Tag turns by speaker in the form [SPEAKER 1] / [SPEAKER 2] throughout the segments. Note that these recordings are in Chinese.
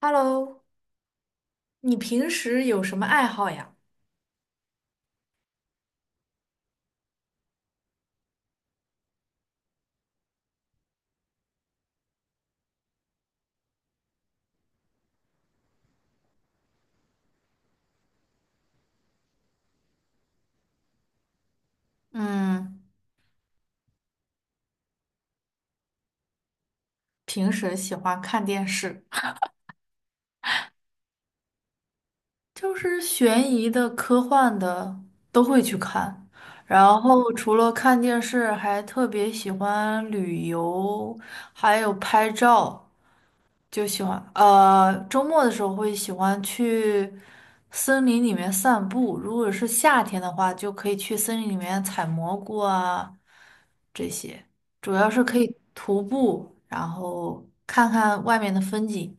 [SPEAKER 1] Hello，你平时有什么爱好呀？嗯，平时喜欢看电视，就是悬疑的、科幻的都会去看。然后除了看电视，还特别喜欢旅游，还有拍照，就喜欢。周末的时候会喜欢去森林里面散步。如果是夏天的话，就可以去森林里面采蘑菇啊，这些，主要是可以徒步，然后看看外面的风景。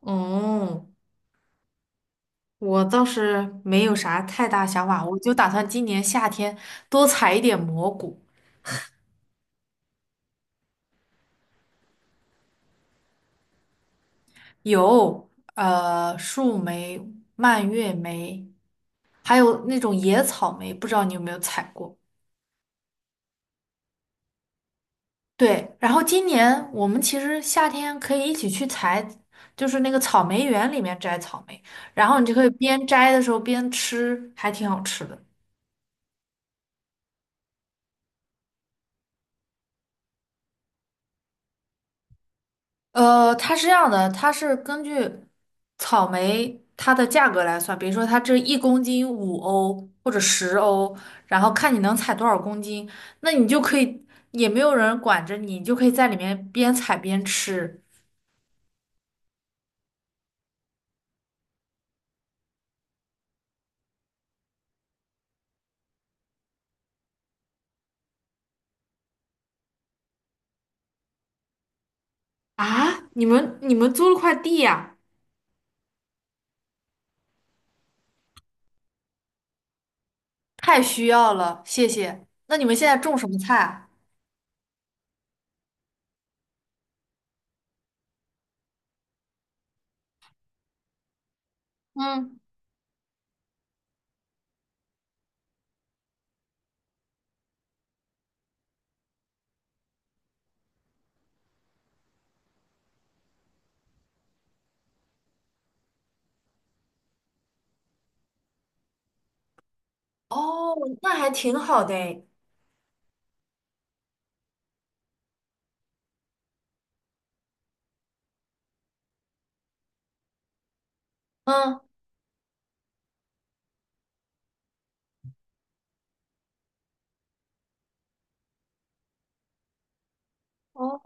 [SPEAKER 1] 哦，我倒是没有啥太大想法，我就打算今年夏天多采一点蘑菇，有树莓、蔓越莓，还有那种野草莓，不知道你有没有采过？对，然后今年我们其实夏天可以一起去采，就是那个草莓园里面摘草莓，然后你就可以边摘的时候边吃，还挺好吃的。它是这样的，它是根据草莓它的价格来算，比如说它这1公斤5欧或者10欧，然后看你能采多少公斤，那你就可以，也没有人管着你，你就可以在里面边采边吃。啊，你们租了块地呀？太需要了，谢谢。那你们现在种什么菜啊？嗯，哦，那还挺好的诶。嗯，哦，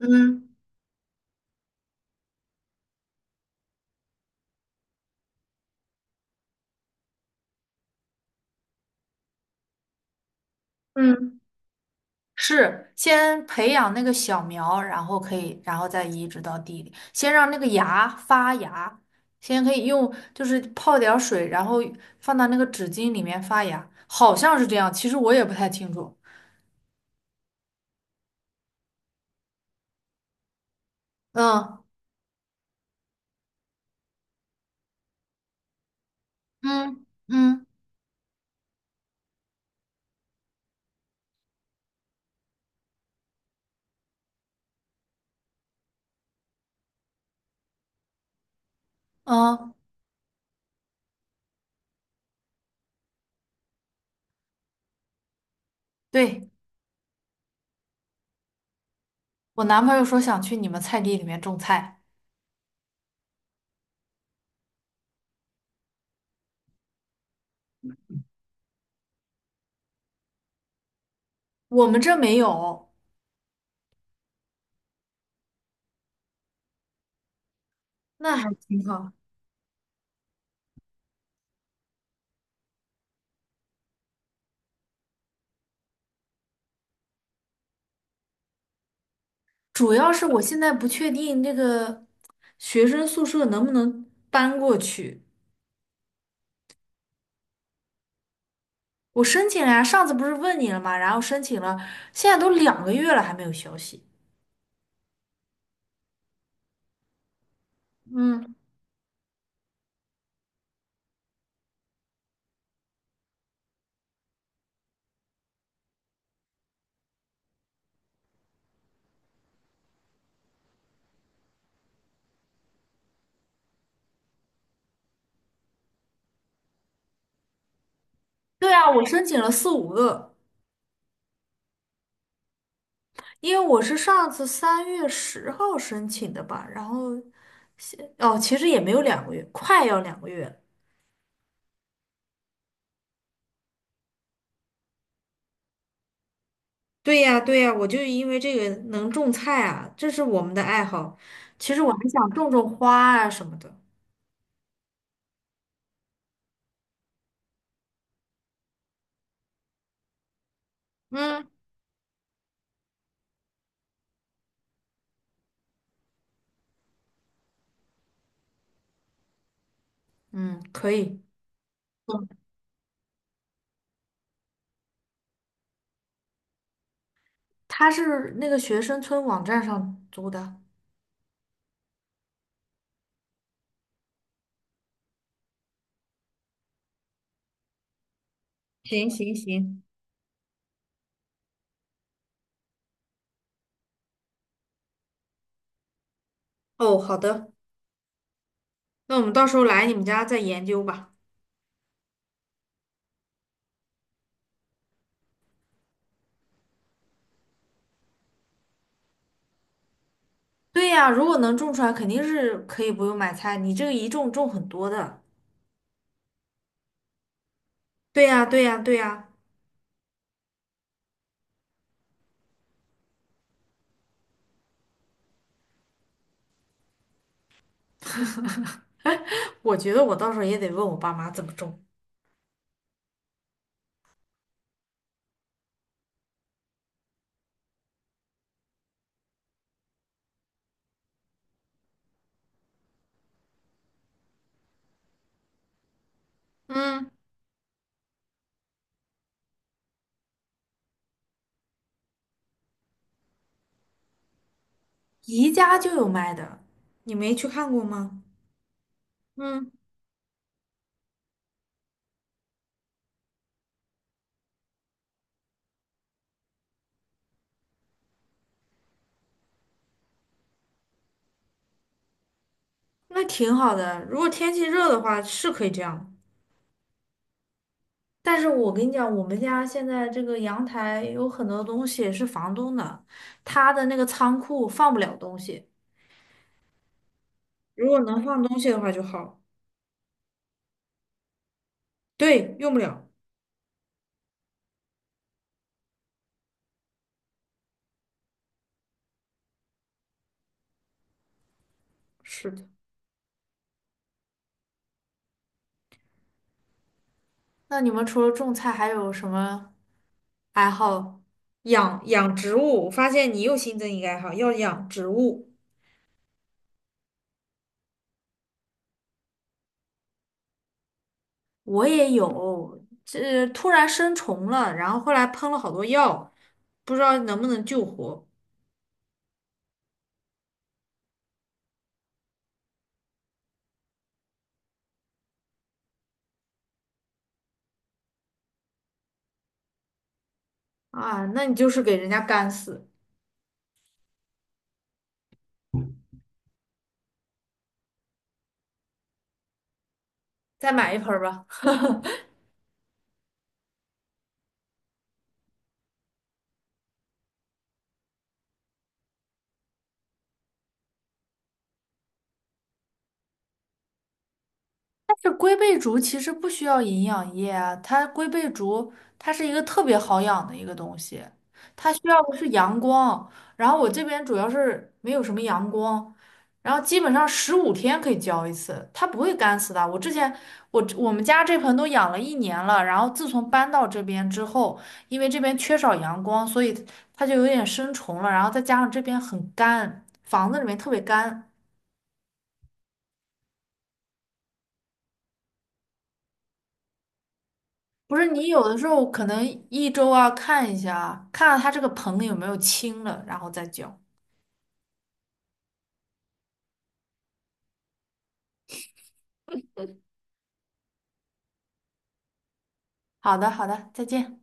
[SPEAKER 1] 嗯。嗯。是先培养那个小苗，然后可以，然后再移植到地里，先让那个芽发芽，先可以用就是泡点儿水，然后放到那个纸巾里面发芽，好像是这样，其实我也不太清楚。嗯嗯嗯嗯，对，我男朋友说想去你们菜地里面种菜。我们这没有，那还挺好。主要是我现在不确定这个学生宿舍能不能搬过去。我申请了呀，上次不是问你了吗？然后申请了，现在都两个月了还没有消息。嗯，对啊，我申请了四五个，因为我是上次3月10号申请的吧，然后哦，其实也没有两个月，快要两个月了。对呀，对呀，我就是因为这个能种菜啊，这是我们的爱好。其实我还想种种花啊什么的。嗯，嗯，可以。他是那个学生村网站上租的。行行行，哦，好的。那我们到时候来你们家再研究吧。对呀，如果能种出来，肯定是可以不用买菜。你这个一种种很多的，对呀，对呀，对呀。我觉得我到时候也得问我爸妈怎么种。嗯，宜家就有卖的，你没去看过吗？嗯，那挺好的。如果天气热的话，是可以这样。但是我跟你讲，我们家现在这个阳台有很多东西是房东的，他的那个仓库放不了东西。如果能放东西的话就好。对，用不了。是的。那你们除了种菜，还有什么爱好？养养植物，我发现你又新增一个爱好，要养植物。我也有，这突然生虫了，然后后来喷了好多药，不知道能不能救活。啊，那你就是给人家干死。再买一盆儿吧。这龟背竹其实不需要营养液啊，它龟背竹它是一个特别好养的一个东西，它需要的是阳光。然后我这边主要是没有什么阳光，然后基本上15天可以浇一次，它不会干死的。我之前我们家这盆都养了1年了，然后自从搬到这边之后，因为这边缺少阳光，所以它就有点生虫了，然后再加上这边很干，房子里面特别干。不是你有的时候可能1周啊看一下啊，看看它这个硼有没有清了，然后再浇。好的，好的，再见。